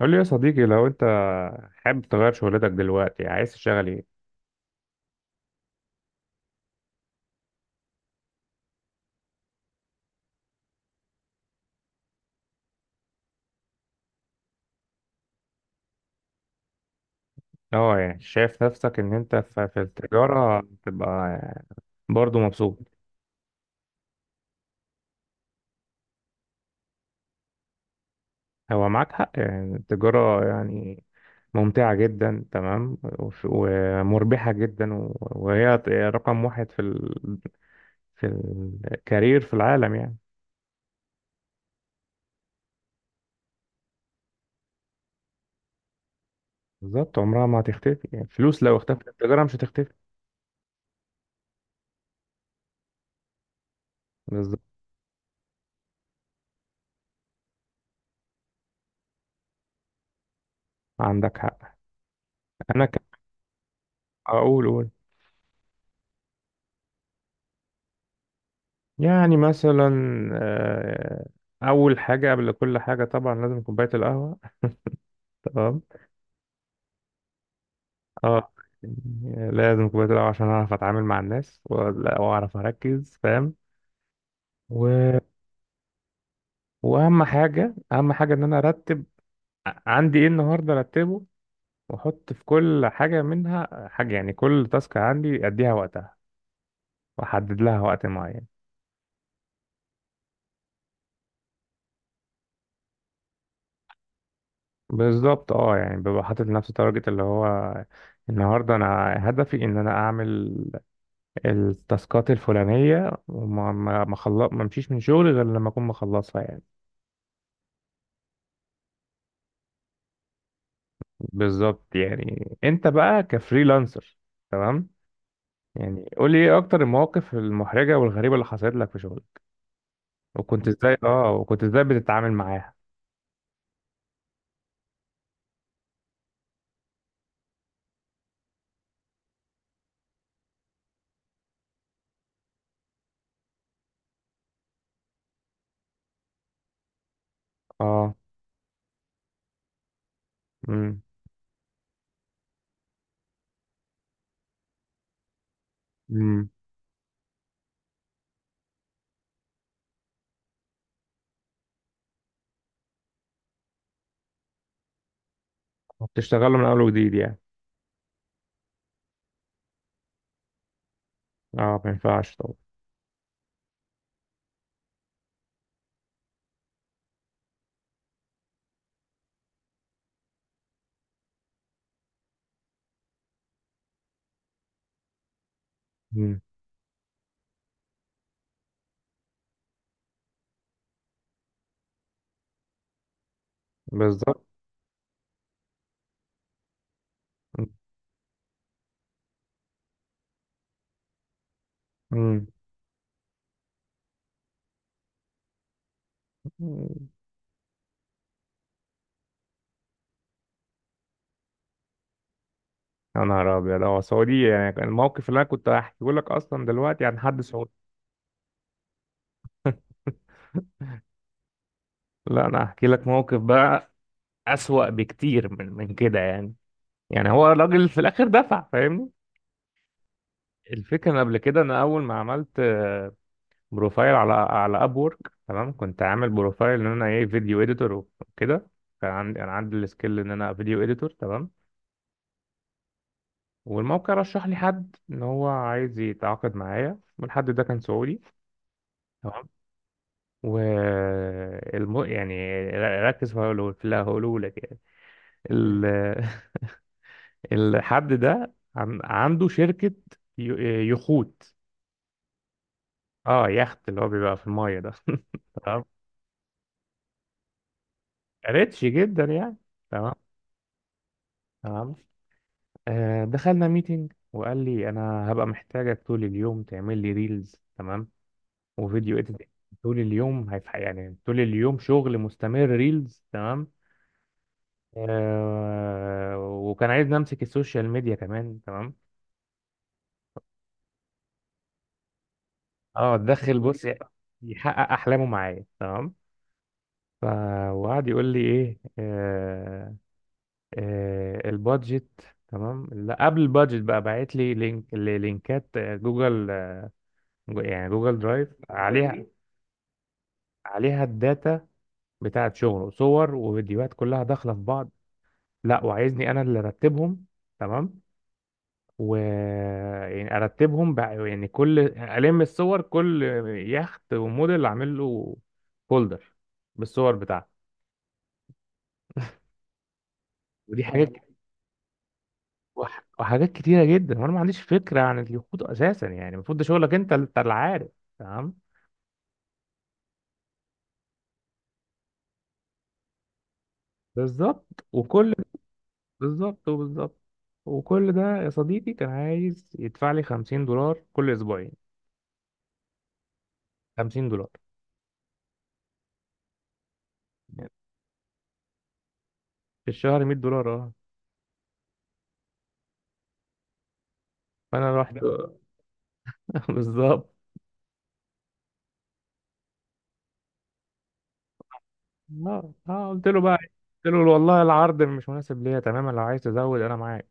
قول لي يا صديقي لو انت حابب تغير شغلتك دلوقتي، عايز تشتغل ايه؟ اه يعني شايف نفسك ان انت في التجارة تبقى برضو مبسوط؟ هو معاك حق، يعني التجارة يعني ممتعة جدا. تمام. ومربحة جدا، وهي رقم واحد في في الكارير في العالم يعني. بالظبط، عمرها ما هتختفي يعني. فلوس لو اختفت التجارة مش هتختفي. بالظبط، عندك حق. انا اقول قول. يعني مثلا آه، أول حاجة قبل كل حاجة طبعا لازم كوباية القهوة. تمام. اه يعني لازم كوباية القهوة عشان أعرف أتعامل مع الناس، وأعرف أركز فاهم، و... وأهم حاجة، أهم حاجة إن أنا أرتب عندي إيه النهاردة أرتبه، وأحط في كل حاجة منها حاجة، يعني كل تاسك عندي أديها وقتها، وأحدد لها وقت معين. بالظبط، اه يعني ببقى حاطط لنفسي تارجت اللي هو النهارده انا هدفي ان انا اعمل التاسكات الفلانية، وما ما ما خلص، ما مشيش من شغلي غير لما أكون مخلصها يعني. بالظبط، يعني أنت بقى كفريلانسر. تمام. يعني قول لي إيه أكتر المواقف المحرجة والغريبة اللي حصلت لك في شغلك، وكنت إزاي، وكنت إزاي بتتعامل معاها؟ أه. أمم. أمم. بتشتغلوا من أول وجديد يعني؟ أه، ما ينفعش طبعا. أمم. بالظبط. أمم. أمم. يا نهار أبيض، أه سعودي! يعني الموقف اللي أنا كنت هحكيه لك أصلا دلوقتي عن حد سعودي. لا، انا هحكي لك موقف بقى اسوأ بكتير من كده يعني. يعني هو الراجل في الاخر دفع، فاهمني؟ الفكره إن قبل كده انا اول ما عملت بروفايل على اب وورك، تمام. كنت عامل بروفايل ان انا ايه، فيديو اديتور وكده. كان عندي انا، عندي السكيل ان انا فيديو اديتور. تمام. والموقع رشح لي حد ان هو عايز يتعاقد معايا، والحد ده كان سعودي. تمام. و يعني ركز في اللي هقوله لك يعني. مم. ال- الحد ده عنده شركة يخوت. اه، يخت اللي هو بيبقى في المايه ده. تمام، ريتش جدا يعني. تمام. تمام. آه، دخلنا ميتنج، وقال لي انا هبقى محتاجك طول اليوم تعمل لي ريلز، تمام، وفيديو اديت. طول اليوم، هيف يعني طول اليوم شغل مستمر ريلز. تمام. آه، وكان عايزني امسك السوشيال ميديا كمان. تمام. اه، اتدخل بص، يحقق احلامه معايا. تمام. ف- وقعد يقول لي ايه، آه البادجت. تمام. لا، قبل البادجت بقى باعت لي لينكات، جوجل، يعني جوجل درايف، عليها الداتا بتاعت شغله، صور وفيديوهات كلها داخله في بعض. لا، وعايزني انا اللي ارتبهم. تمام. و يعني ارتبهم بقى، يعني كل الصور، كل يخت وموديل اعمل له فولدر بالصور بتاعته. ودي حاجه، وحاجات كتيرة جدا، وانا ما عنديش فكرة عن اليخوت اساسا، يعني المفروض ده شغلك انت، انت اللي عارف. تمام. بالظبط وكل بالظبط وكل ده يا صديقي كان عايز يدفع لي 50 دولار كل اسبوعين. 50 دولار يعني في الشهر 100 دولار، اه. فانا رحت. بالظبط. اه، قلت له بقى، قلت له والله العرض مش مناسب ليا تماما، لو عايز تزود انا معاك.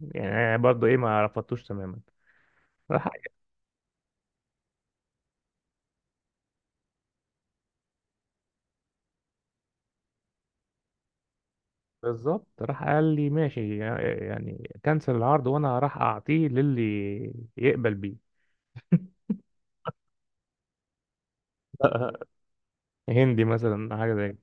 يعني أنا برضه ايه، ما رفضتوش تماما. راح. بالظبط، راح قال لي ماشي، يعني كنسل العرض وانا راح اعطيه للي يقبل بيه. هندي مثلا، حاجه زي كده.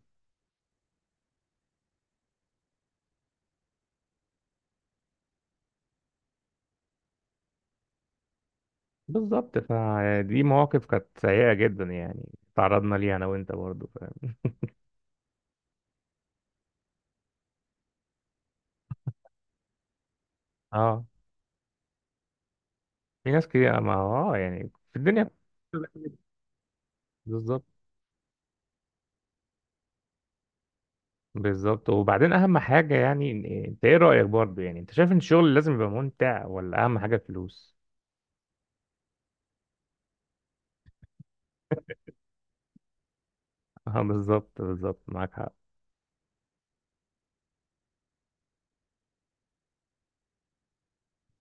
بالظبط، فدي مواقف كانت سيئه جدا يعني، تعرضنا ليها انا وانت، برضه فاهم. اه، في ناس كتير، ما هو اه يعني في الدنيا. بالظبط. بالظبط. وبعدين اهم حاجه يعني، انت ايه رايك برضه؟ يعني انت شايف ان الشغل لازم يبقى ممتع، ولا اهم حاجه الفلوس؟ اه بالظبط، بالظبط معاك حق.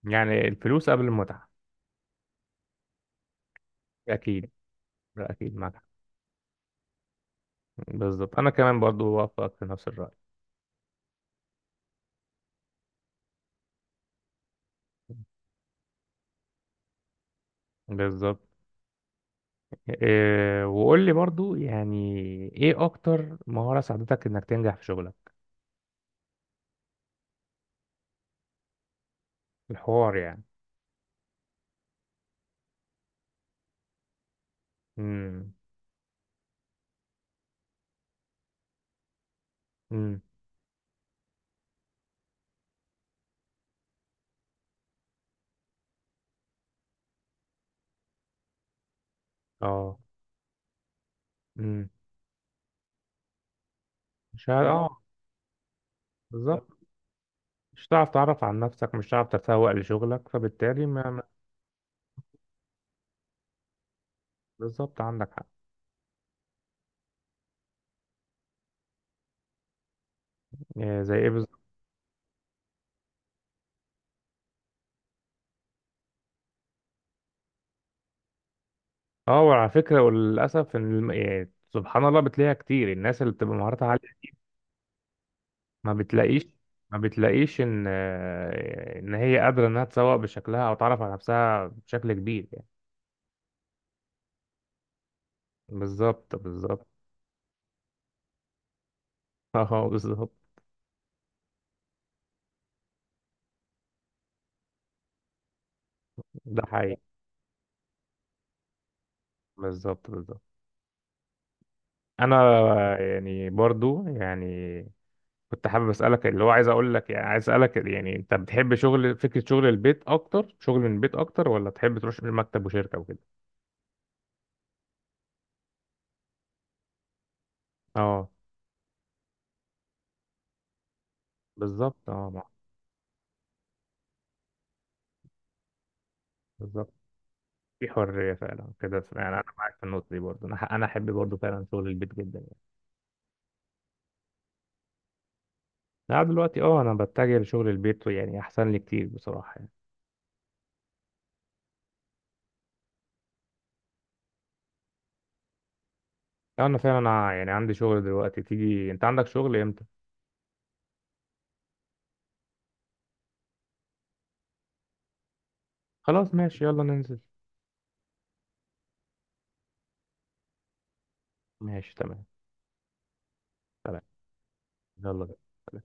يعني الفلوس قبل المتعه. اكيد. اكيد معاك. بالظبط، انا كمان برضو وافقك في نفس الرأي. بالظبط، إيه، وقول لي برضو، يعني ايه اكتر مهارة ساعدتك انك تنجح في شغلك؟ الحوار يعني. امم. امم. اه. امم. مش ه... اه. بالظبط، مش هتعرف تعرف عن نفسك، مش هتعرف تتسوق لشغلك، فبالتالي بالظبط، عندك حق. إيه زي ايه بالظبط؟ اه، وعلى فكرة وللاسف ان يعني سبحان الله، بتلاقيها كتير، الناس اللي بتبقى مهاراتها ما بتلاقيش، ما بتلاقيش ان ان هي قادره انها تسوق بشكلها او تعرف على نفسها بشكل كبير يعني. بالظبط. بالظبط. اه بالظبط. ده حقيقي. بالظبط. بالظبط. انا يعني برضو يعني كنت حابب اسالك، اللي هو عايز اقول لك، يعني عايز اسالك، يعني انت بتحب شغل، فكره شغل البيت اكتر، شغل من البيت اكتر، ولا تحب تروح مكتب وشركه وكده؟ اه بالظبط. اه بالظبط. في حريه فعلا كده يعني. انا معاك في النقطه دي برضو. انا انا احب برضو فعلا شغل البيت جدا. لا، دلوقتي اه انا بتجه لشغل البيت، يعني احسن لي كتير بصراحة يعني. لو انا فعلا يعني عندي شغل دلوقتي، تيجي؟ انت عندك شغل امتى؟ خلاص ماشي، يلا ننزل. ماشي تمام. تمام. يلا بينا.